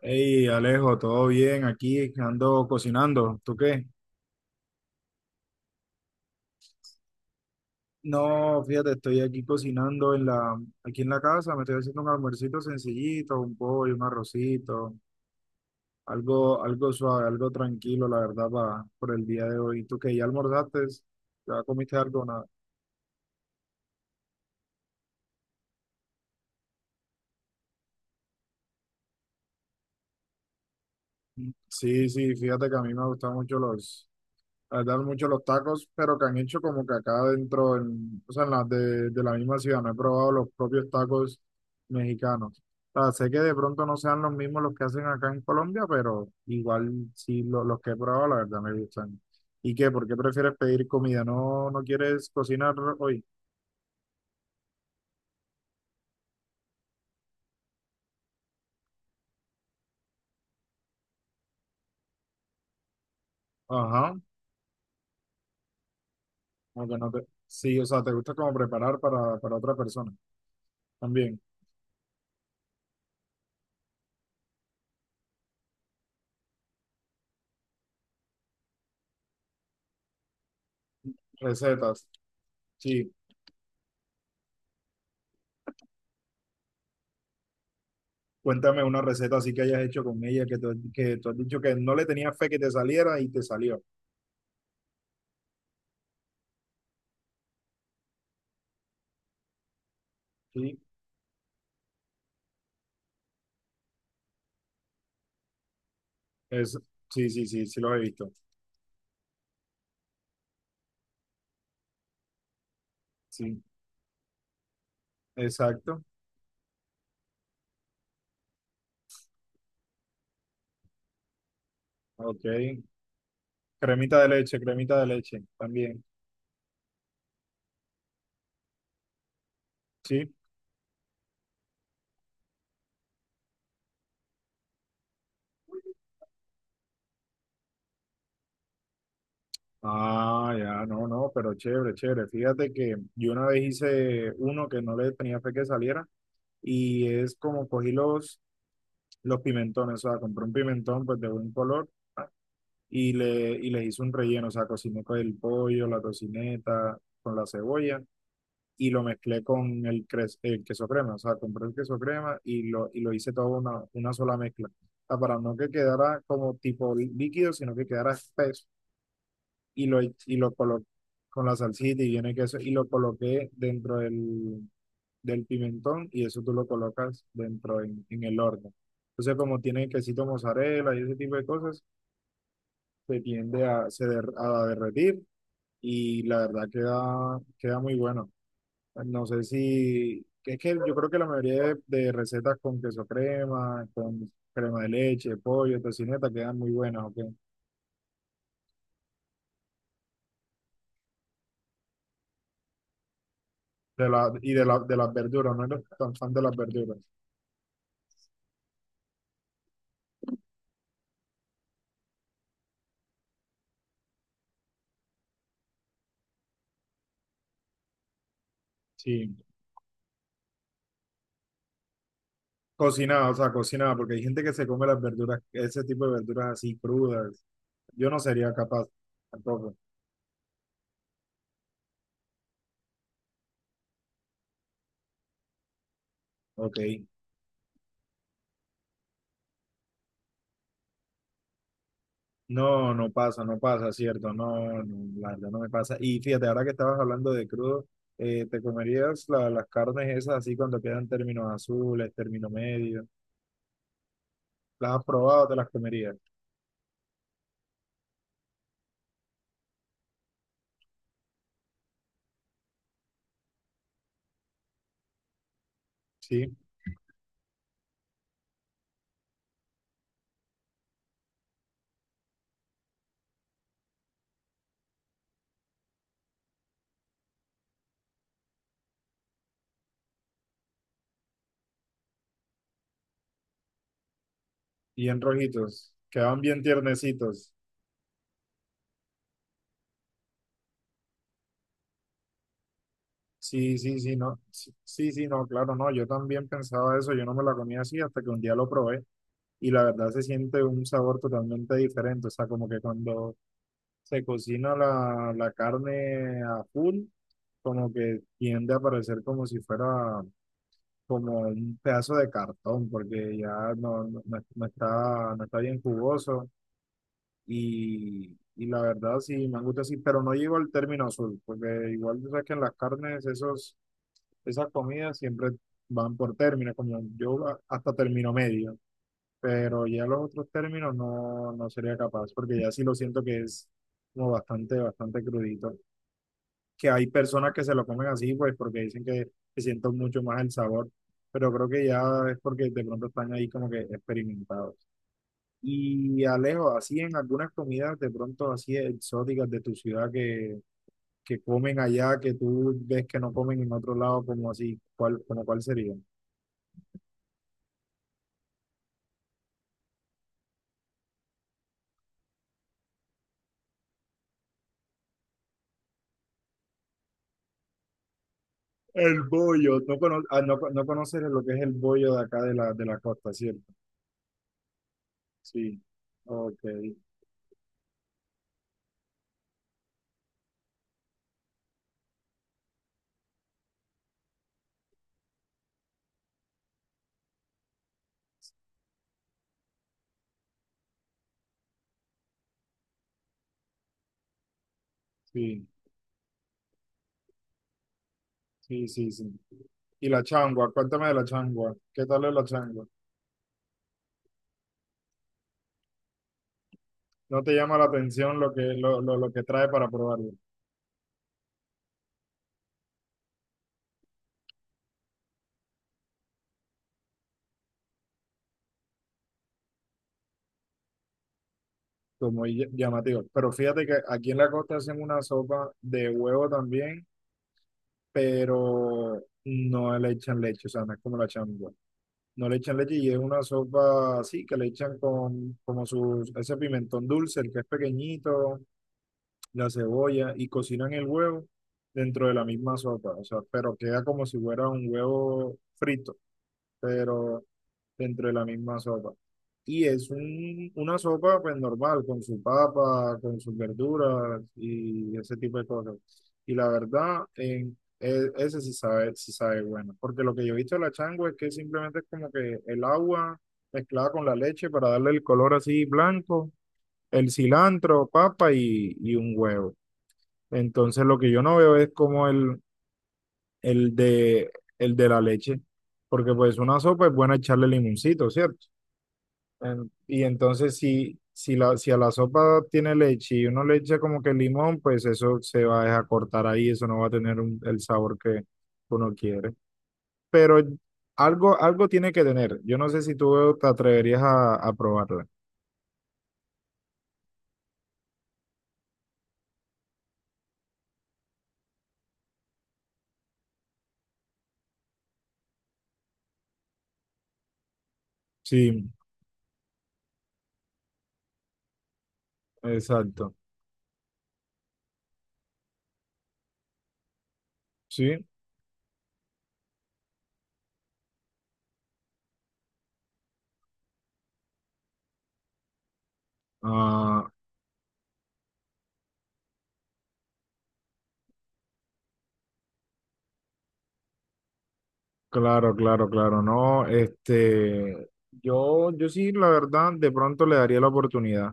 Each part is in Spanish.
Hey, Alejo, todo bien aquí, ando cocinando. ¿Tú qué? No, fíjate, estoy aquí cocinando en la, aquí en la casa, me estoy haciendo un almuercito sencillito, un pollo, un arrocito, algo, algo suave, algo tranquilo, la verdad, por el día de hoy. ¿Tú qué? ¿Ya almorzaste? ¿Ya comiste algo? O nada. Sí, sí, fíjate que a mí me gustan mucho la verdad, mucho los tacos, pero que han hecho como que acá dentro, o sea, en las de la misma ciudad, no he probado los propios tacos mexicanos. O sea, sé que de pronto no sean los mismos los que hacen acá en Colombia, pero igual sí los que he probado, la verdad me gustan. ¿Y qué? ¿Por qué prefieres pedir comida? ¿No, no quieres cocinar hoy? Ajá, aunque no te... Sí, o sea, te gusta como preparar para otra persona. También, recetas. Sí. Cuéntame una receta así que hayas hecho con ella, que tú has dicho que no le tenías fe que te saliera y te salió. Sí, es, sí, sí, sí, sí los he visto. Sí, exacto. Ok. Cremita de leche también. Sí. Ah, ya, no, no, pero chévere, chévere. Fíjate que yo una vez hice uno que no le tenía fe que saliera y es como cogí los pimentones, o sea, compré un pimentón pues de buen color y les hice un relleno, o sea, cociné con el pollo, la tocineta, con la cebolla y lo mezclé con el queso crema, o sea, compré el queso crema y lo hice todo una sola mezcla, o sea, para no que quedara como tipo líquido, sino que quedara espeso y lo coloqué con la salsita y viene queso y lo coloqué dentro del pimentón y eso tú lo colocas dentro en el horno. Entonces, como tiene quesito mozzarella y ese tipo de cosas, se tiende a derretir y la verdad queda, queda muy bueno. No sé si, que es que yo creo que la mayoría de recetas con queso crema, con crema de leche, pollo, tocineta, quedan muy buenas, ¿ok? De la, y de, la, de las verduras, no eres tan fan de las verduras. Sí, cocinada, o sea, cocinada, porque hay gente que se come las verduras, ese tipo de verduras así crudas. Yo no sería capaz tampoco, ¿ok? No, no pasa, no pasa, cierto, no, no, la verdad no me pasa. Y fíjate, ahora que estabas hablando de crudo, ¿te comerías las carnes esas así cuando quedan términos azules, término medio? ¿Las has probado, te las comerías? Sí, bien rojitos, quedan bien tiernecitos. Sí, sí, sí, no, sí, sí, sí, no, claro, no, yo también pensaba eso, yo no me la comía así hasta que un día lo probé y la verdad se siente un sabor totalmente diferente, o sea, como que cuando se cocina la carne a full como que tiende a parecer como si fuera como un pedazo de cartón, porque ya no, no está, no está bien jugoso y la verdad sí me gusta así, pero no llego al término azul, porque igual tú sabes que en las carnes esos, esas comidas siempre van por términos, como yo hasta término medio, pero ya los otros términos no, no sería capaz, porque ya sí lo siento que es como bastante, bastante crudito. Que hay personas que se lo comen así, pues porque dicen que se sienten mucho más el sabor, pero creo que ya es porque de pronto están ahí como que experimentados. Y Alejo, así en algunas comidas de pronto así exóticas de tu ciudad que comen allá, que tú ves que no comen en otro lado, como así, ¿cuál, como cuál sería? El bollo, no, no conoces lo que es el bollo de acá de de la costa, ¿cierto? Sí, ok, sí, sí, sí, sí. Y la changua, cuéntame de la changua, ¿qué tal es la changua? No te llama la atención lo que, lo que trae para probarlo, como muy llamativo. Pero fíjate que aquí en la costa hacen una sopa de huevo también, pero no le echan leche, o sea, no es como la changua. No le echan leche y es una sopa así, que le echan con como sus, ese pimentón dulce, el que es pequeñito, la cebolla, y cocinan el huevo dentro de la misma sopa, o sea, pero queda como si fuera un huevo frito, pero dentro de la misma sopa. Y es un, una sopa pues normal, con su papa, con sus verduras y ese tipo de cosas. Y la verdad, ese sí sabe bueno. Porque lo que yo he visto de la changua es que simplemente es como que el agua mezclada con la leche para darle el color así blanco, el cilantro, papa y un huevo. Entonces lo que yo no veo es como el de, el de la leche. Porque pues una sopa es buena echarle limoncito, ¿cierto? Y entonces si a la sopa tiene leche y uno le echa como que limón, pues eso se va a dejar cortar ahí, eso no va a tener el sabor que uno quiere. Pero algo, algo tiene que tener. Yo no sé si tú te atreverías a probarla. Sí, exacto. Sí. Ah, claro, claro, claro. No, este, yo sí, la verdad, de pronto le daría la oportunidad.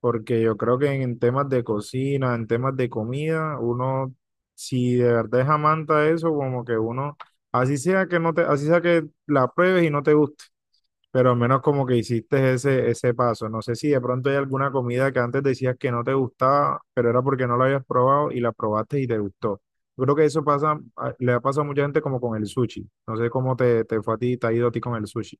Porque yo creo que en temas de cocina, en temas de comida, uno, si de verdad es amante a eso, como que uno, así sea que no te, así sea que la pruebes y no te guste, pero al menos como que hiciste ese, ese paso. No sé si de pronto hay alguna comida que antes decías que no te gustaba, pero era porque no la habías probado y la probaste y te gustó. Yo creo que eso pasa, le ha pasado a mucha gente como con el sushi. No sé cómo te fue a ti, te ha ido a ti con el sushi.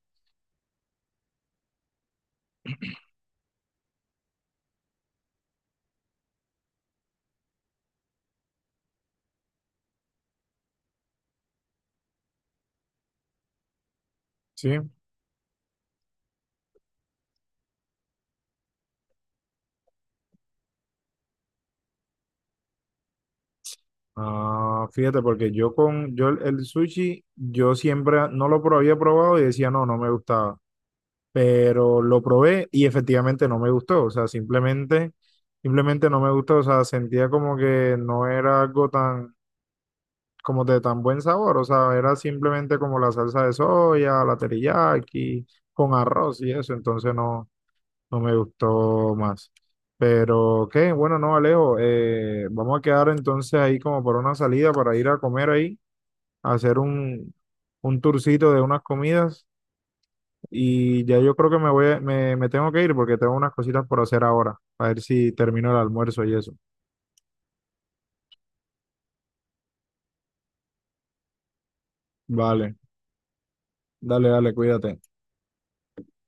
Sí. Ah, fíjate, porque yo con yo el sushi, yo siempre no había probado y decía, no, no me gustaba. Pero lo probé y efectivamente no me gustó. O sea, simplemente, simplemente no me gustó. O sea, sentía como que no era algo tan, como de tan buen sabor. O sea, era simplemente como la salsa de soya, la teriyaki, con arroz y eso. Entonces no, no me gustó más. Pero qué, bueno, no, Alejo, vamos a quedar entonces ahí como por una salida para ir a comer ahí hacer un tourcito de unas comidas y ya yo creo que me voy, me tengo que ir porque tengo unas cositas por hacer ahora, a ver si termino el almuerzo y eso. Vale, dale, dale, cuídate.